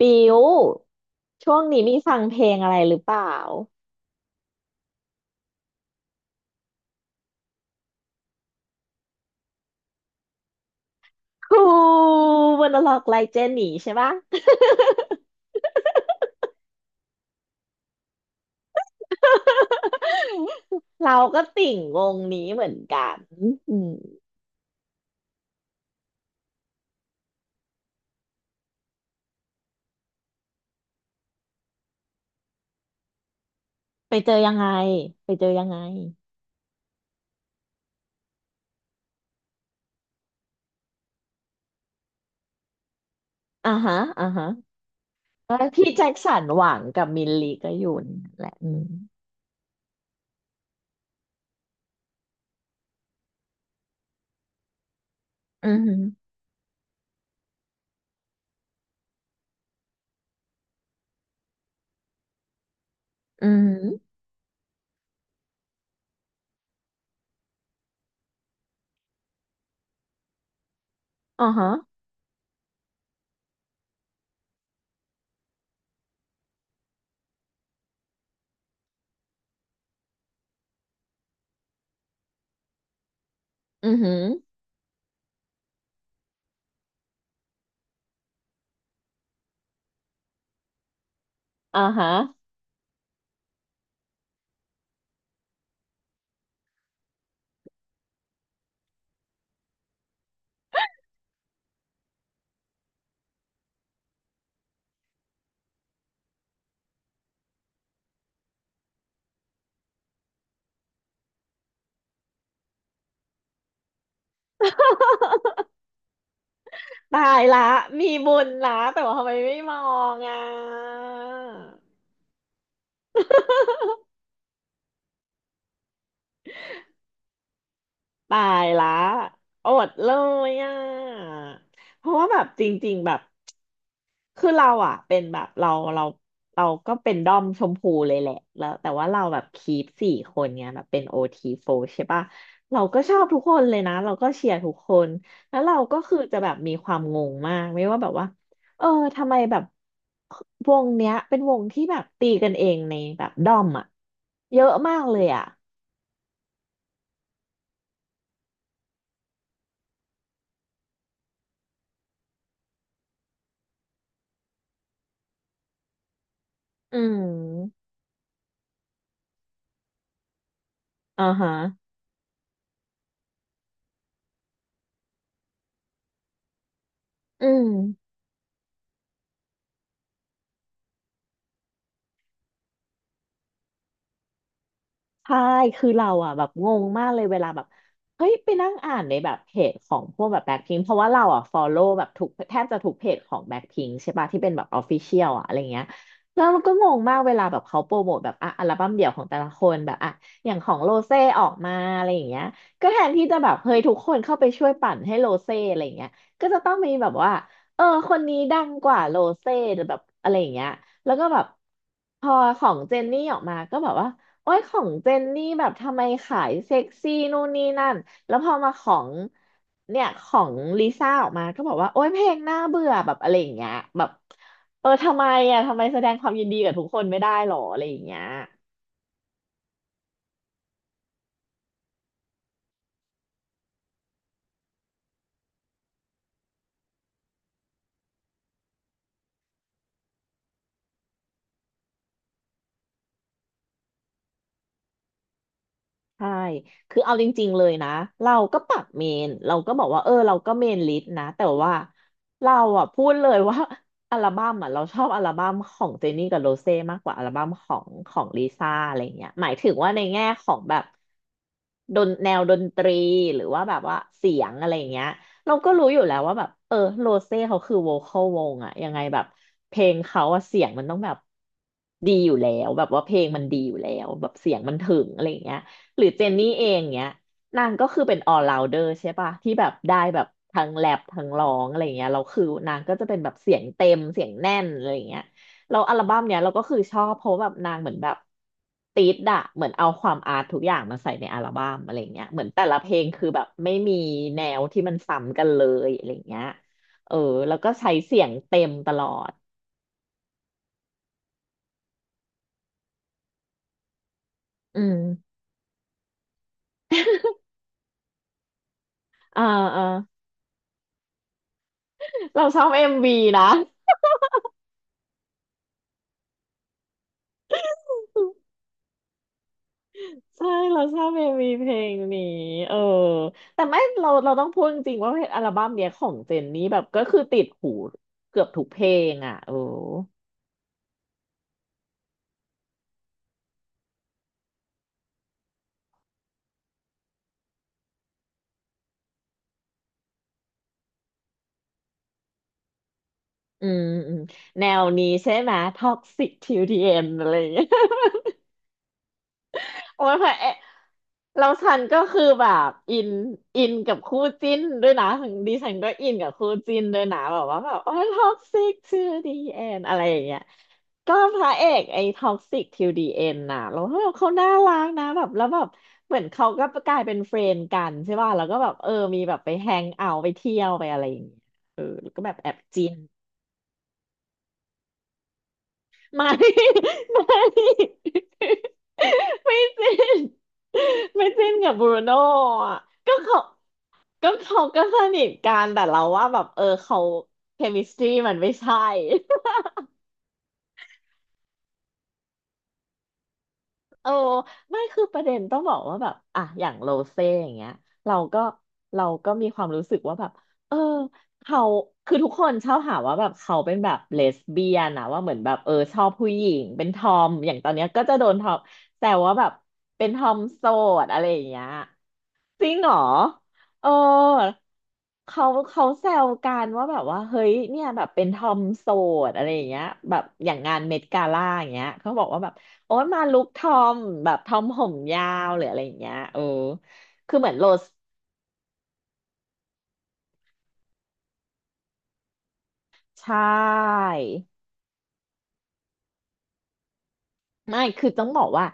ปิว ช่วงนี้มีฟังเพลงอะไรหรือเปล่าฮูวันละล็อกไลเจนนี่ใช่ปะ เราก็ติ่งวงนี้เหมือนกันอืมไปเจอยังไงไปเจอยังไงอ่าฮะอ่าฮะเออพี่แจ็คสันหวังกับมิลลีก็อยู่นั่นแหละอืมอือหืออือหืออ่าฮะอือหืออ่าฮะ ตายละ มีบุญละแต่ว่าทำไมไม่มองอ่ะ ตายละอดเลยอ่ะเพราะว่าแบบจริงๆแบบคือเราอ่ะเป็นแบบเราเราเราก็เป็นด้อมชมพูเลยแหละแล้วแต่ว่าเราแบบคีปสี่คนเนี้ยแบบเป็นโอทีโฟใช่ปะเราก็ชอบทุกคนเลยนะเราก็เชียร์ทุกคนแล้วเราก็คือจะแบบมีความงงมากไม่ว่าแบบว่าเออทำไมแบบวงเนี้ยเป็นวงที่แบบตีกันเองในแบบด้อมอ่ะเยอะมากเลยอ่ะอืมอ่าฮะอืม ใช่คือเราอ่ะแบบงงมากเลยเวลาแบบเฮ้ยไปนั่งอ่านในแบบเพจของพวกแบบแบ็คพิงเพราะว่าเราอ่ะฟอลโล่แบบทุกแทบจะทุกเพจของแบ็คพิงใช่ปะที่เป็นแบบออฟฟิเชียลอ่ะอะไรเงี้ยแล้วมันก็งงมากเวลาแบบเขาโปรโมทแบบอ่ะอัลบั้มเดี่ยวของแต่ละคนแบบอ่ะอย่างของโรเซ่ออกมาอะไรอย่างเงี้ยก็แทนที่จะแบบเฮ้ยทุกคนเข้าไปช่วยปั่นให้โรเซ่อะไรเงี้ยก็จะต้องมีแบบว่าเออคนนี้ดังกว่าโรเซ่แบบอะไรอย่างเงี้ยแล้วก็แบบพอของเจนนี่ออกมาก็แบบว่า โอ้ยของเจนนี่แบบทำไมขายเซ็กซี่นู่นนี่นั่นแล้วพอมาของเนี่ยของลิซ่าออกมาก็บอกว่าโอ้ยเพลงน่าเบื่อแบบอะไรอย่างเงี้ยแบบเออทำไมอ่ะทำไมแสดงความยินดีกับทุกคนไม่ได้หรออะไรอย่างเงี้ย ใช่คือเอาจริงๆเลยนะเราก็ปรับเมน เราก็บอกว่าเออเราก็เมนลิสต์นะ แต่ว่าเราอ่ะพูดเลยว่า อัลบั้มอ่ะเราชอบอัลบั้มของเจนนี่กับโรเซ่มากกว่าอัลบั้มของลิซ่าอะไรเงี้ยหมายถึงว่าในแง่ของแบบดนแนวดนตรีหรือว่าแบบว่าเสียงอะไรเงี้ย เราก็รู้อยู่แล้วว่าแบบเออโรเซ่เขาคือโวคอลวงอะยังไงแบบเพลงเขาอะเสียงมันต้องแบบดีอยู่แล้วแบบว่าเพลงมันดีอยู่แล้วแบบเสียงมันถึงอะไรอย่างเงี้ย หรือเจนนี่เองเนี้ยนางก็คือเป็น all rounder ใช่ปะที่แบบได้แบบทั้งแรปทั้งร้องอะไรเงี้ยเราคือนางก็จะเป็นแบบเสียงเต็มเสียงแน่นอะไรเงี้ยเราอัลบั้มเนี้ยเราก็คือชอบเพราะแบบนางเหมือนแบบติดอะเหมือนเอาความอาร์ตทุกอย่างมาใส่ในอัลบั้มอะไรเงี้ยเหมือนแต่ละเพลงคือแบบไม่มีแนวที่มันซ้ำกันเลยอะไรเงี้ยเออแล้วก็ใช้เสียงเต็มตลอดอืมอ่าอ่าเราชอบเอ็มวีนะ ใช่เราชอบเมมีเพลงนี้เออแต่ไม่เราต้องพูดจริงๆว่าเพลงอัลบั้มเนี้ยของเจนนี่แบบก็คือติดหูเกือบทุกเพลงอ่ะเอออืมอืมแนวนี้ใช่ไหมท็อกซิกทิวดีเอ็นอะไรอย่างเงี้ย โอ้ยค่ะเอ๊ะเราฉันก็คือแบบอินอินกับคู่จิ้นด้วยนะดิฉันก็อินกับคู่จิ้นด้วยนะแบบว่าแบบโอ้ยท็อกซิกทูดีเอ็นอะไรอย่างเงี้ยก็พระเอกไอ้ท็อกซิกทูดีเอ็นน่ะเราแบบเขาน่ารักนะแบบแล้วแบบเหมือนเขาก็กลายเป็นเฟรนด์กันใช่ป่ะแล้วก็แบบเออมีแบบไปแฮงเอาท์ไปเที่ยวไปอะไรอย่างเงี้ยเออแล้วก็แบบแอบจิ้น ไม่ ไม่ ไม่จริ้น ไม่จิ้นกับบรูโน่อะก็เขาก็เขาก็สนิทกันแต่เราว่าแบบเออเขาเคมิสตรีมันไม่ใช่ โอ้ไม่คือประเด็นต้องบอกว่าแบบอ่ะอย่างโรเซ่อย่างเงี้ยเราก็เราก็มีความรู้สึกว่าแบบเออเขาคือทุกคนชอบหาว่าแบบเขาเป็นแบบเลสเบี้ยนนะว่าเหมือนแบบเออชอบผู้หญิงเป็นทอมอย่างตอนเนี้ยก็จะโดนทอมแต่ว่าแบบเป็นทอมโสดอะไรอย่างเงี้ย จริงเหรอเออเขาแซวกันว่าแบบว่าเฮ้ยเนี่ยแบบเป็นทอมโสดอะไรอย่างเงี้ยแบบอย่างงานเมดกาล่าอย่างเงี้ยเขาบอกว่าแบบโอ้ยมาลุคทอมแบบทอมผมยาวหรืออะไรอย่างเงี้ยเออคือเหมือนโรสใช่ ไม่คือต้องบอกว่า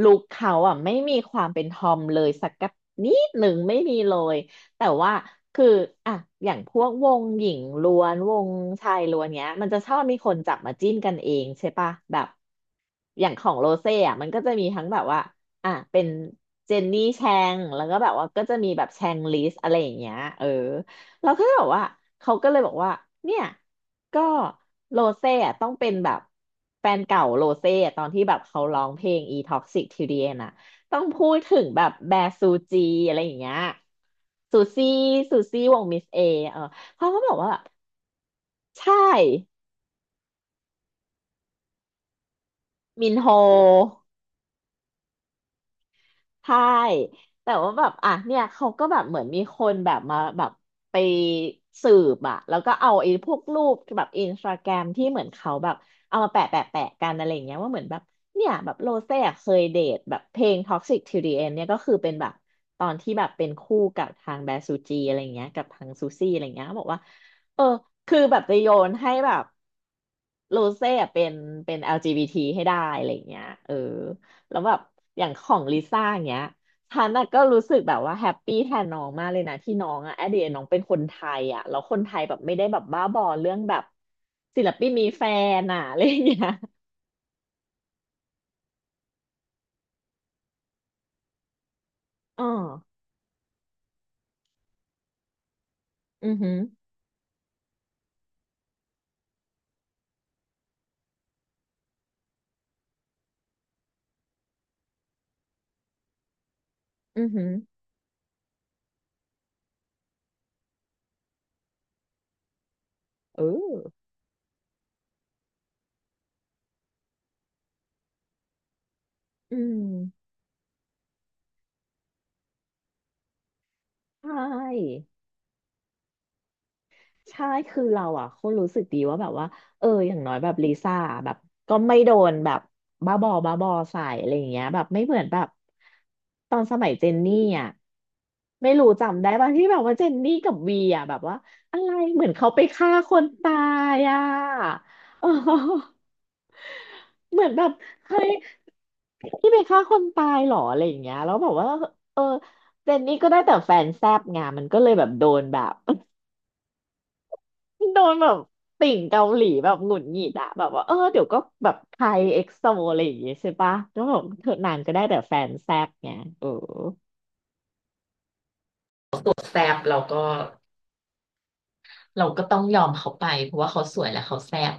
ลุคเขาอ่ะไม่มีความเป็นทอมเลยสักกับนิดหนึ่งไม่มีเลย แต่ว่าคืออ่ะอย่างพวกวงหญิงล้วนวงชายล้วนเนี้ยมันจะชอบมีคนจับมาจิ้นกันเองใช่ปะแบบอย่างของโรเซ่อ่ะมันก็จะมีทั้งแบบว่าเป็นเจนนี่แชงแล้วก็แบบว่าก็จะมีแบบแชงลิสอะไรอย่างเงี้ยเออ เราก็เลยบอกว่าเขาก็เลยบอกว่าเนี่ยก็โรเซ่อะต้องเป็นแบบแฟนเก่าโรเซ่อะตอนที่แบบเขาร้องเพลง E Toxic Till the End อะต้องพูดถึงแบบแบร์ซูจีอะไรอย่างเงี้ยซูซี่วงมิสเอเออเขาก็บอกว่าใช่มินโฮ ใช่แต่ว่าแบบอ่ะเนี่ยเขาก็แบบเหมือนมีคนแบบมาแบบไปสืบอ่ะแล้วก็เอาไอ้พวกรูปแบบอินสตาแกรมที่เหมือนเขาแบบเอามาแปะกันอะไรอย่างเงี้ยว่าเหมือนแบบเนี่ยแบบโรเซ่อะเคยเดทแบบเพลง Toxic Till the End เนี่ยก็คือเป็นแบบตอนที่แบบเป็นคู่กับทางแบซูจีอะไรอย่างเงี้ยกับทางซูซี่อะไรอย่างเงี้ยเขาบอกว่าเออคือแบบจะโยนให้แบบโรเซ่อะเป็นLGBT ให้ได้อะไรอย่างเงี้ยเออ แล้วแบบอย่างของลิซ่าอย่างเงี้ยฉันน่ะก็รู้สึกแบบว่าแฮปปี้แทนน้องมากเลยนะที่น้องอะแอดเดยน้องเป็นคนไทยอะแล้วคนไทยแบบไม่ได้แบบบ้าบอเรื่องแบบศิลปินมีแฟนอะอะไรอย่างเงี้ย อ๋ออือหืออือหือเอออืมใช่ ใช่คือเราอ่ะโคตรรู้สึกดีว่าแบบว่าเอออย่างน้อยแบบลิซ่าแบบก็ไม่โดนแบบบ้าบอใส่อะไรอย่างเงี้ยแบบไม่เหมือนแบบตอนสมัยเจนนี่อ่ะไม่รู้จำได้ป่ะที่แบบว่าเจนนี่กับวีอ่ะแบบว่าอะไรเหมือนเขาไปฆ่าคนตายอ่ะ เออเหมือนแบบเฮ้ยที่ไปฆ่าคนตายเหรออะไรอย่างเงี้ยแล้วบอกว่าเออเจนนี่ก็ได้แต่แฟนแซบไงมันก็เลยแบบโดนแบบ โดนแบบติ่งเกาหลีแบบหงุดหงิดอะแบบว่าเออเดี๋ยวก็แบบไทยเอ็กโซอะไรอย่างเงี้ยใช่ปะแล้วแบบเธอนางก็ได้แต่แฟนแซบไงเออแซบเราก็ต้องยอมเขาไปเพราะว่าเขาสวยและเขาแซบ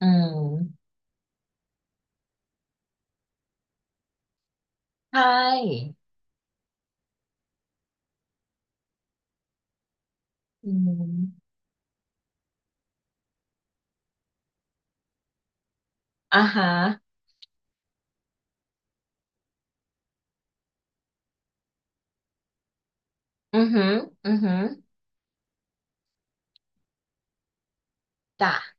อืมใช่อืมอ่าฮะอือหืออือหือจ้ะ